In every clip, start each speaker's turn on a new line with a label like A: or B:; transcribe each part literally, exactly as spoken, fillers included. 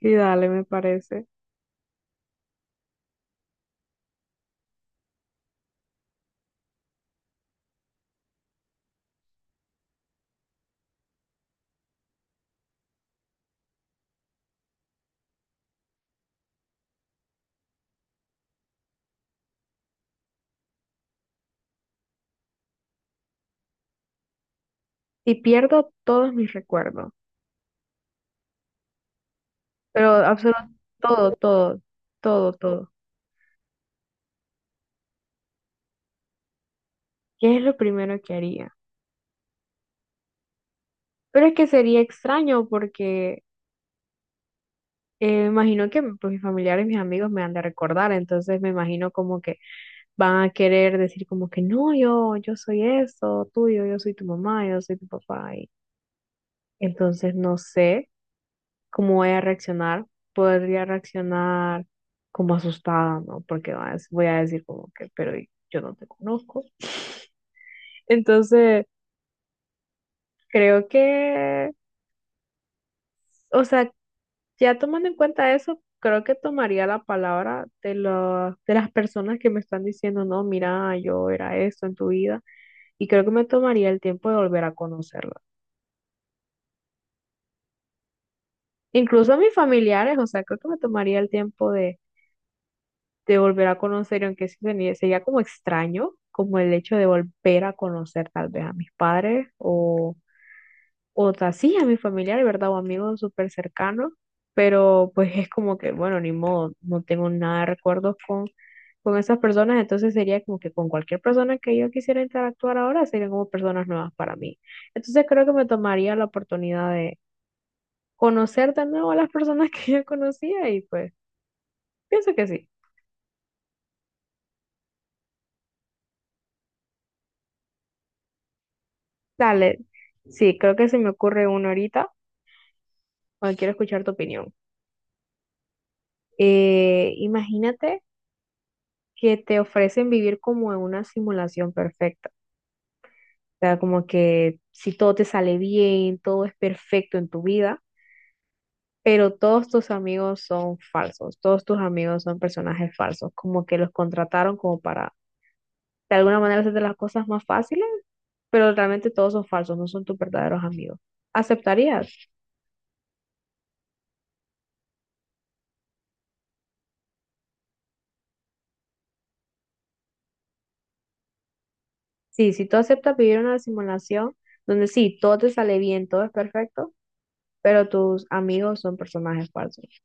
A: Sí, dale, me parece. Y pierdo todos mis recuerdos, pero absolutamente todo, todo, todo, todo. ¿Qué es lo primero que haría? Pero es que sería extraño porque eh, imagino que pues, mis familiares, mis amigos me han de recordar, entonces me imagino como que van a querer decir como que no, yo, yo soy eso, tuyo, yo soy tu mamá, yo soy tu papá. Y entonces no sé cómo voy a reaccionar, podría reaccionar como asustada, ¿no? Porque va a dec- voy a decir como que, pero y- yo no te conozco. Entonces, creo que, o sea, ya tomando en cuenta eso, creo que tomaría la palabra de, la- de las personas que me están diciendo, no, mira, yo era esto en tu vida, y creo que me tomaría el tiempo de volver a conocerla. Incluso a mis familiares, o sea, creo que me tomaría el tiempo de de volver a conocer, y aunque sí sería, sería como extraño, como el hecho de volver a conocer tal vez a mis padres o, o ta- sí, a mi familiar, ¿verdad? O amigos súper cercanos, pero pues es como que, bueno, ni modo, no tengo nada de recuerdos con, con esas personas, entonces sería como que con cualquier persona que yo quisiera interactuar ahora serían como personas nuevas para mí. Entonces creo que me tomaría la oportunidad de conocer de nuevo a las personas que yo conocía y pues pienso que sí. Dale, sí, creo que se me ocurre uno ahorita, cuando quiero escuchar tu opinión. Eh, imagínate que te ofrecen vivir como en una simulación perfecta, o sea, como que si todo te sale bien, todo es perfecto en tu vida, pero todos tus amigos son falsos, todos tus amigos son personajes falsos, como que los contrataron como para de alguna manera hacerte las cosas más fáciles, pero realmente todos son falsos, no son tus verdaderos amigos. ¿Aceptarías? Sí, si tú aceptas vivir una simulación donde sí, todo te sale bien, todo es perfecto, pero tus amigos son personajes falsos.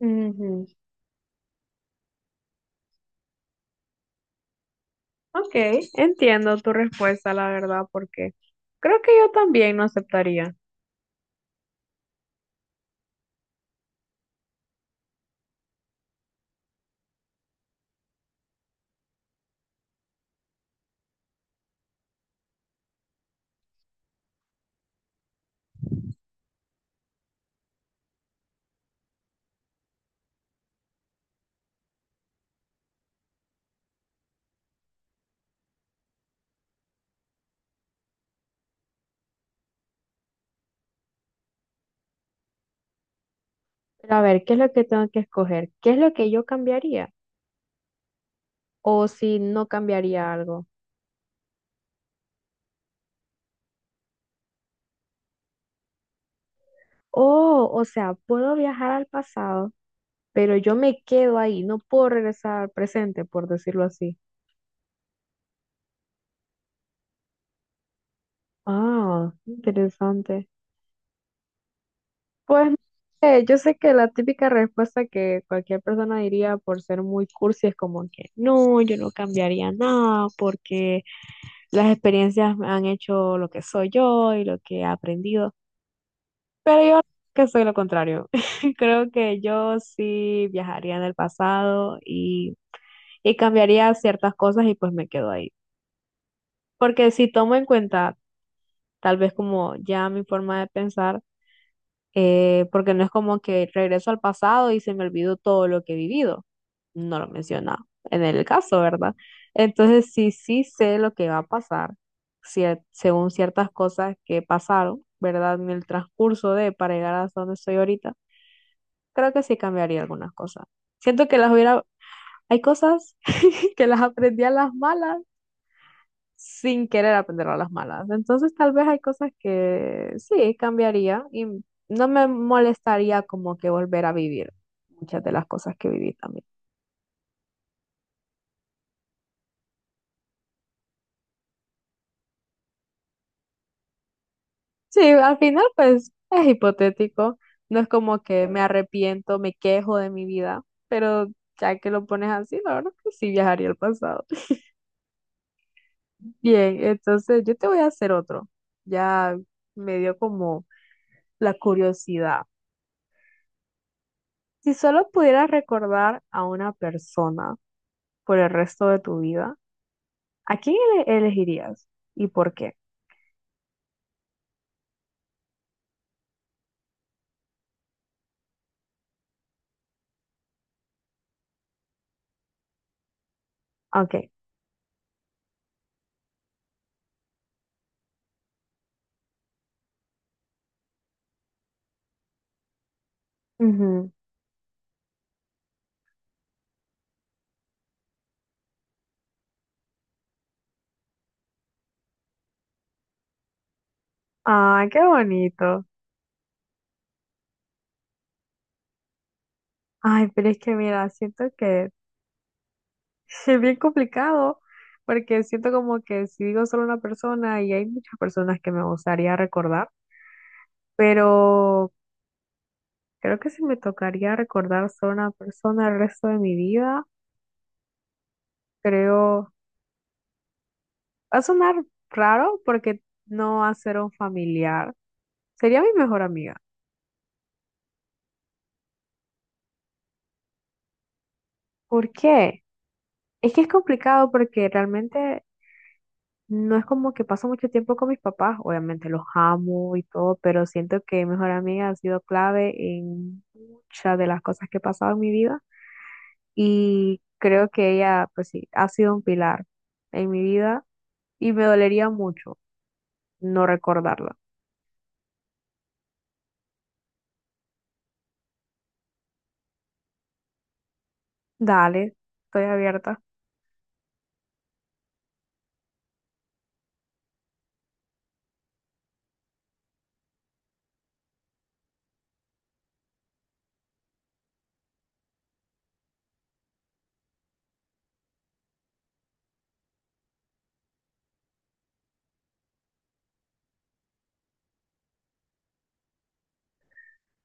A: Ujú. Ok, entiendo tu respuesta, la verdad, porque creo que yo también no aceptaría. Pero a ver, ¿qué es lo que tengo que escoger? ¿Qué es lo que yo cambiaría? O si no cambiaría algo. Oh, o sea, puedo viajar al pasado, pero yo me quedo ahí, no puedo regresar al presente, por decirlo así. Ah, interesante. Pues eh, yo sé que la típica respuesta que cualquier persona diría por ser muy cursi es como que no, yo no cambiaría nada porque las experiencias me han hecho lo que soy yo y lo que he aprendido. Pero yo creo que soy lo contrario. Creo que yo sí viajaría en el pasado y, y cambiaría ciertas cosas y pues me quedo ahí. Porque si tomo en cuenta tal vez como ya mi forma de pensar, eh, porque no es como que regreso al pasado y se me olvidó todo lo que he vivido. No lo menciona en el caso, ¿verdad? Entonces sí, sí sé lo que va a pasar, cier- según ciertas cosas que pasaron, ¿verdad? En el transcurso de para llegar hasta donde estoy ahorita, creo que sí cambiaría algunas cosas. Siento que las hubiera, hay cosas que las aprendí a las malas sin querer aprender a las malas. Entonces, tal vez hay cosas que sí cambiaría y no me molestaría como que volver a vivir muchas de las cosas que viví también. Sí, al final, pues es hipotético. No es como que me arrepiento, me quejo de mi vida, pero ya que lo pones así, la verdad que sí viajaría al pasado. Bien, entonces yo te voy a hacer otro. Ya me dio como la curiosidad. Si solo pudieras recordar a una persona, por el resto de tu vida, ¿a quién ele- elegirías y por qué? Ok. Ujú. Ay, qué bonito. Ay, pero es que mira, siento que es bien complicado porque siento como que si digo solo una persona y hay muchas personas que me gustaría recordar, pero creo que si me tocaría recordar solo una persona el resto de mi vida, creo, va a sonar raro porque no va a ser un familiar, sería mi mejor amiga. ¿Por qué? Es que es complicado porque realmente no es como que paso mucho tiempo con mis papás, obviamente los amo y todo, pero siento que mejor amiga ha sido clave en muchas de las cosas que he pasado en mi vida y creo que ella, pues sí, ha sido un pilar en mi vida y me dolería mucho no recordarla. Dale, estoy abierta.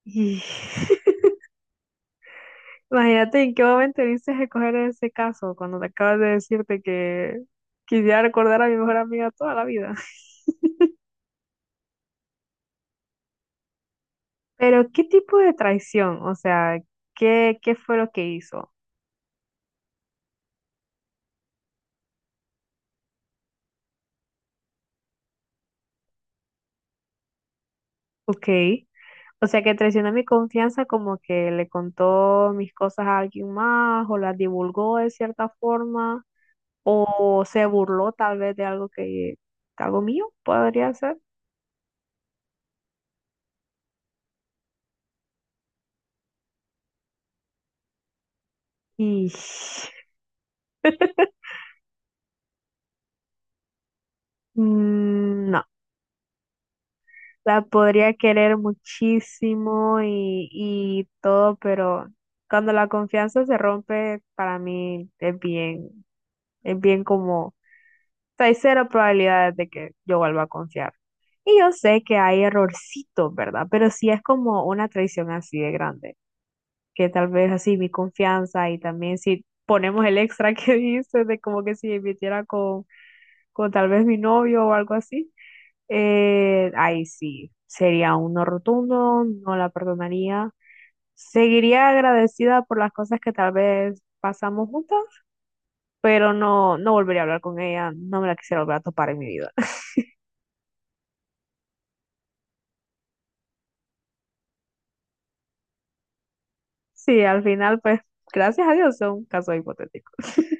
A: Y imagínate en qué momento viniste a coger ese caso cuando te acabas de decirte que quisiera recordar a mi mejor amiga toda la vida. Pero, ¿qué tipo de traición? O sea, ¿qué, qué fue lo que hizo? Ok. O sea, que traicionó mi confianza como que le contó mis cosas a alguien más o las divulgó de cierta forma o se burló tal vez de algo que, algo mío podría ser. Y mm, no, la podría querer muchísimo y, y todo, pero cuando la confianza se rompe, para mí es bien, es bien como sea, hay cero probabilidades de que yo vuelva a confiar. Y yo sé que hay errorcitos, ¿verdad? Pero sí es como una traición así de grande, que tal vez así mi confianza y también si ponemos el extra que dices de como que si me metiera con, con tal vez mi novio o algo así, eh, ahí sí, sería un no rotundo, no la perdonaría. Seguiría agradecida por las cosas que tal vez pasamos juntas, pero no, no volvería a hablar con ella, no me la quisiera volver a topar en mi vida. Sí, al final, pues, gracias a Dios son casos hipotéticos.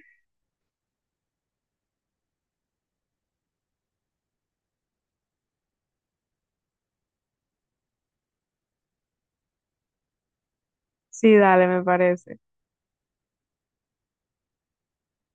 A: Sí, dale, me parece.